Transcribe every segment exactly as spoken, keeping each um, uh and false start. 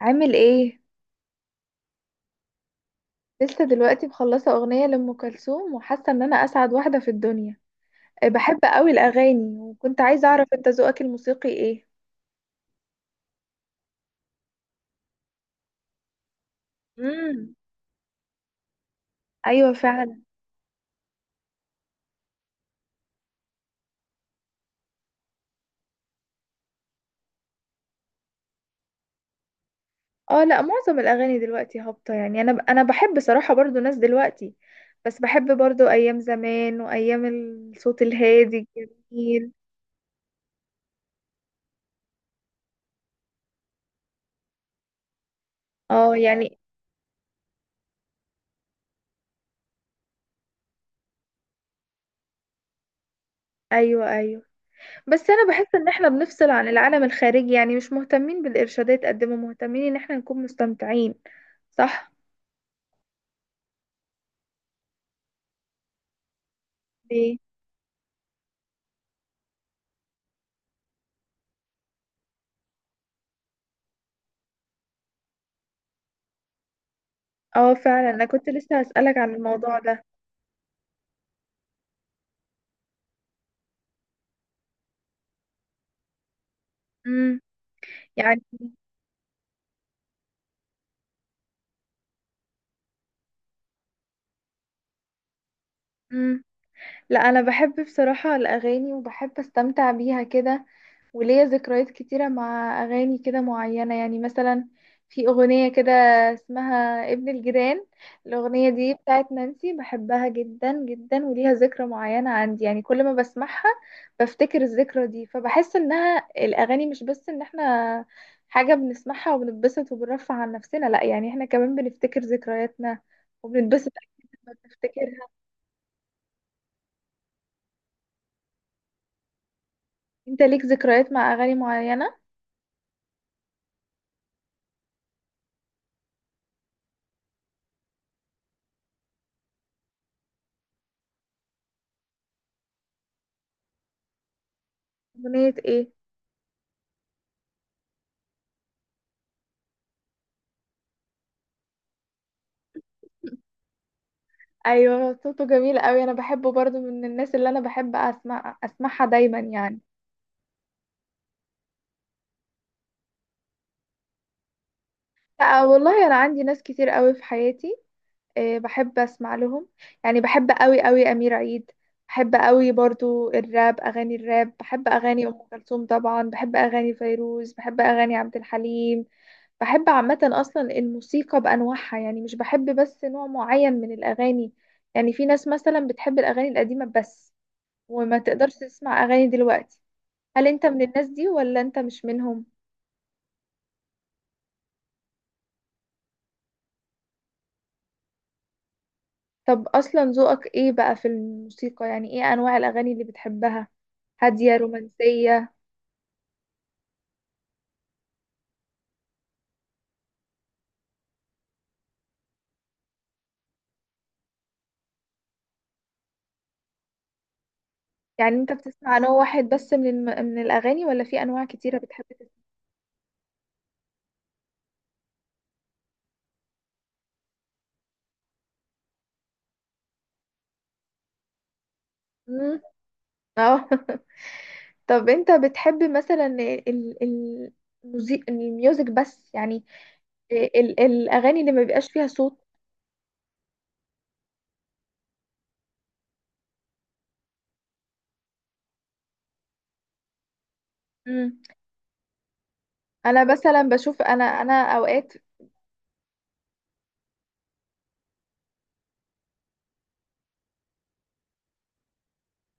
عامل ايه؟ لسه دلوقتي مخلصه اغنيه لام كلثوم وحاسه ان انا اسعد واحده في الدنيا. إيه، بحب قوي الاغاني وكنت عايزه اعرف انت ذوقك الموسيقي ايه؟ امم، ايوه فعلا. اه، لا معظم الاغاني دلوقتي هابطه، يعني انا انا بحب صراحه برضو ناس دلوقتي، بس بحب برضو ايام زمان وايام الصوت الهادي الجميل. اه يعني، ايوه ايوه. بس انا بحس ان احنا بنفصل عن العالم الخارجي، يعني مش مهتمين بالارشادات قد ما مهتمين ان احنا نكون مستمتعين. صح. ليه؟ اه فعلا، انا كنت لسه هسألك عن الموضوع ده. امم يعني، امم، لا انا بحب بصراحة الاغاني وبحب استمتع بيها كده، وليا ذكريات كتيرة مع أغاني كده معينة، يعني مثلا في أغنية كده اسمها ابن الجيران. الأغنية دي بتاعت نانسي، بحبها جدا جدا وليها ذكرى معينة عندي، يعني كل ما بسمعها بفتكر الذكرى دي، فبحس إنها الأغاني مش بس إن احنا حاجة بنسمعها وبنتبسط وبنرفع عن نفسنا، لأ يعني احنا كمان بنفتكر ذكرياتنا وبنتبسط أكيد لما بنفتكرها. انت ليك ذكريات مع أغاني معينة؟ أغنية ايه؟ ايوه صوته جميل قوي، انا بحبه برضو، من الناس اللي انا بحب اسمع اسمعها دايما يعني. لا والله انا عندي ناس كتير قوي في حياتي، آه، بحب اسمع لهم. يعني بحب قوي قوي امير عيد، بحب قوي برضو الراب، اغاني الراب، بحب اغاني ام كلثوم طبعا، بحب اغاني فيروز، بحب اغاني عبد الحليم. بحب عامه اصلا الموسيقى بانواعها، يعني مش بحب بس نوع معين من الاغاني. يعني في ناس مثلا بتحب الاغاني القديمه بس وما تقدرش تسمع اغاني دلوقتي. هل انت من الناس دي ولا انت مش منهم؟ طب اصلا ذوقك ايه بقى في الموسيقى؟ يعني ايه انواع الاغاني اللي بتحبها، هادية رومانسية؟ يعني انت بتسمع نوع واحد بس من الم... من الاغاني، ولا في انواع كتيرة بتحب تسمع؟ مم. اه. طب انت بتحب مثلا ال... ال... الموزي- الميوزك بس يعني، ال... ال- الاغاني اللي ما بيبقاش فيها صوت. مم. انا مثلا بشوف، انا انا اوقات.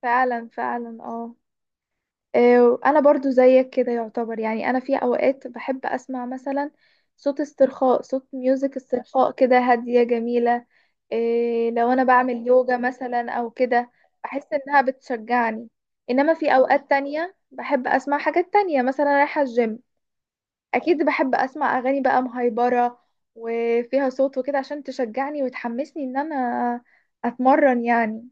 فعلا فعلا اه. آه، انا برضو زيك كده يعتبر، يعني انا في اوقات بحب اسمع مثلا صوت استرخاء، صوت ميوزك استرخاء كده هادية جميلة. إيه، لو انا بعمل يوجا مثلا او كده بحس انها بتشجعني. انما في اوقات تانية بحب اسمع حاجات تانية، مثلا رايحة الجيم اكيد بحب اسمع اغاني بقى مهيبرة وفيها صوت وكده، عشان تشجعني وتحمسني ان انا اتمرن يعني.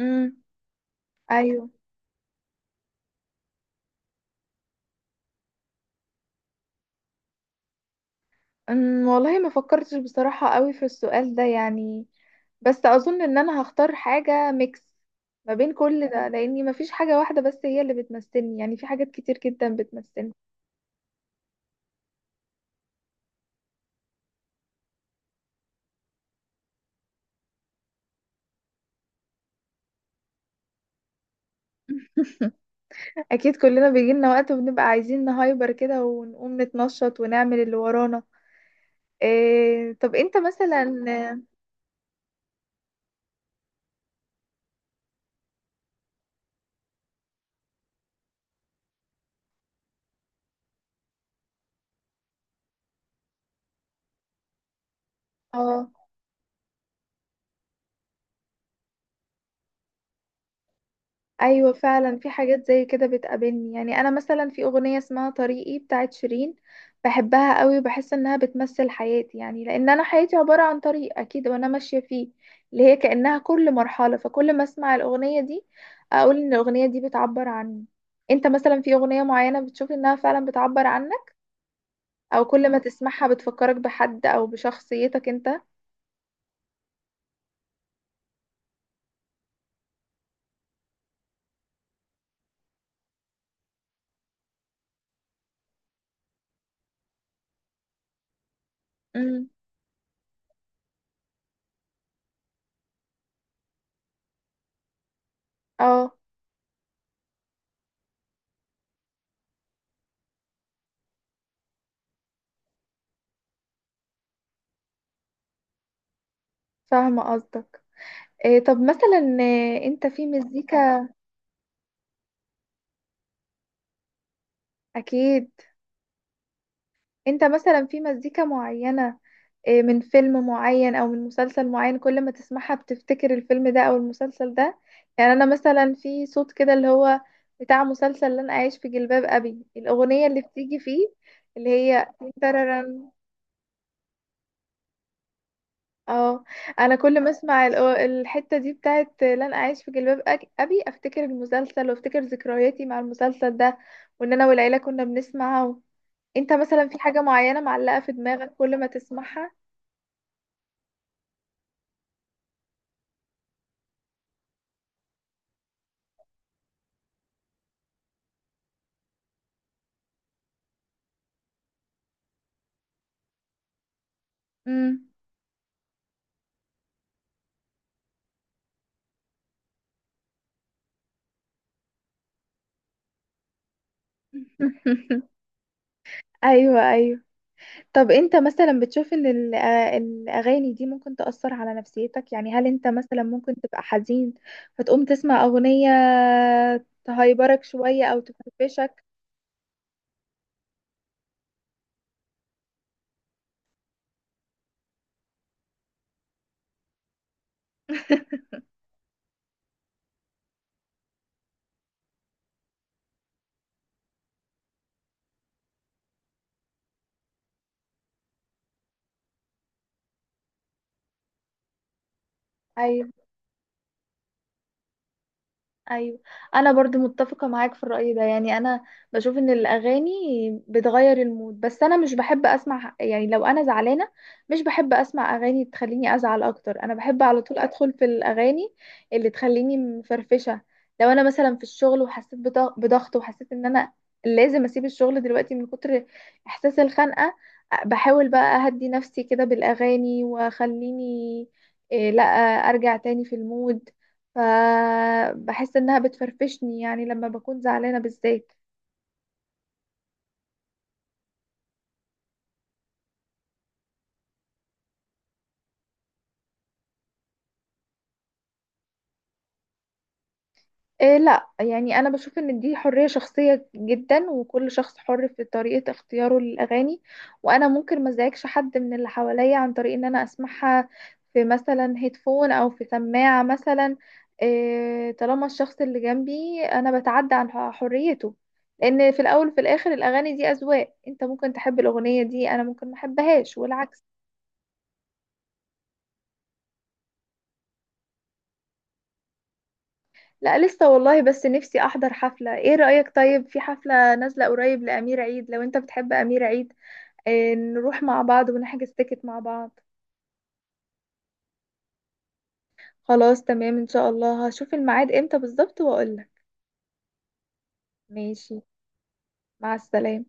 امم، ايوه. أمم، والله ما فكرتش بصراحة قوي في السؤال ده، يعني بس أظن إن أنا هختار حاجة ميكس ما بين كل ده، لأني ما فيش حاجة واحدة بس هي اللي بتمثلني، يعني في حاجات كتير جدا بتمثلني. أكيد كلنا بيجيلنا وقت وبنبقى عايزين نهايبر كده، ونقوم نتنشط ونعمل اللي ورانا. إيه طب أنت مثلا. اه ايوه فعلا، في حاجات زي كده بتقابلني، يعني انا مثلا في اغنيه اسمها طريقي بتاعت شيرين، بحبها قوي وبحس انها بتمثل حياتي، يعني لان انا حياتي عباره عن طريق اكيد وانا ماشيه فيه، اللي هي كانها كل مرحله، فكل ما اسمع الاغنيه دي اقول ان الاغنيه دي بتعبر عني. انت مثلا في اغنيه معينه بتشوف انها فعلا بتعبر عنك، او كل ما تسمعها بتفكرك بحد او بشخصيتك انت؟ امم، اه، فاهمه قصدك. إيه طب مثلا، إيه، انت في مزيكا اكيد، انت مثلا في مزيكا معينة آه، من فيلم معين او من مسلسل معين، كل ما تسمعها بتفتكر الفيلم ده او المسلسل ده. يعني انا مثلا في صوت كده اللي هو بتاع مسلسل لن اعيش في جلباب ابي، الاغنية اللي بتيجي فيه اللي هي تررن. اه، انا كل ما اسمع الأو- الحتة دي بتاعت لن اعيش في جلباب أك- ابي، افتكر المسلسل وافتكر ذكرياتي مع المسلسل ده، وان انا والعيلة كنا بنسمعه. انت مثلا في حاجة معينة معلقة في دماغك كل ما تسمعها؟ امم. ايوه ايوه. طب انت مثلا بتشوف ان ال- آه، الاغاني دي ممكن تأثر على نفسيتك، يعني هل انت مثلا ممكن تبقى حزين فتقوم تسمع اغنية تهيبرك شوية او تفرفشك؟ ايوه ايوه، انا برضو متفقه معاك في الراي ده، يعني انا بشوف ان الاغاني بتغير المود، بس انا مش بحب اسمع، يعني لو انا زعلانه مش بحب اسمع اغاني تخليني ازعل اكتر، انا بحب على طول ادخل في الاغاني اللي تخليني مفرفشه. لو انا مثلا في الشغل وحسيت بضغ- بضغط، وحسيت ان انا لازم اسيب الشغل دلوقتي من كتر احساس الخنقه، بحاول بقى اهدي نفسي كده بالاغاني واخليني، إيه، لا ارجع تاني في المود. فبحس انها بتفرفشني، يعني لما بكون زعلانة بالذات. إيه لا يعني، انا بشوف ان دي حرية شخصية جدا، وكل شخص حر في طريقة اختياره للاغاني، وانا ممكن ما ازعجش حد من اللي حواليا عن طريق ان انا اسمعها في مثلا هيدفون او في سماعة مثلا. إيه طالما الشخص اللي جنبي انا بتعدى عن حريته، لان في الاول وفي الاخر الاغاني دي اذواق، انت ممكن تحب الاغنية دي انا ممكن ما احبهاش والعكس. لا لسه والله، بس نفسي احضر حفلة. ايه رأيك طيب في حفلة نازلة قريب لأمير عيد لو انت بتحب أمير عيد، آه، نروح مع بعض ونحجز تيكت مع بعض؟ خلاص تمام، ان شاء الله هشوف الميعاد امتى بالظبط واقولك. ماشي. مع السلامة.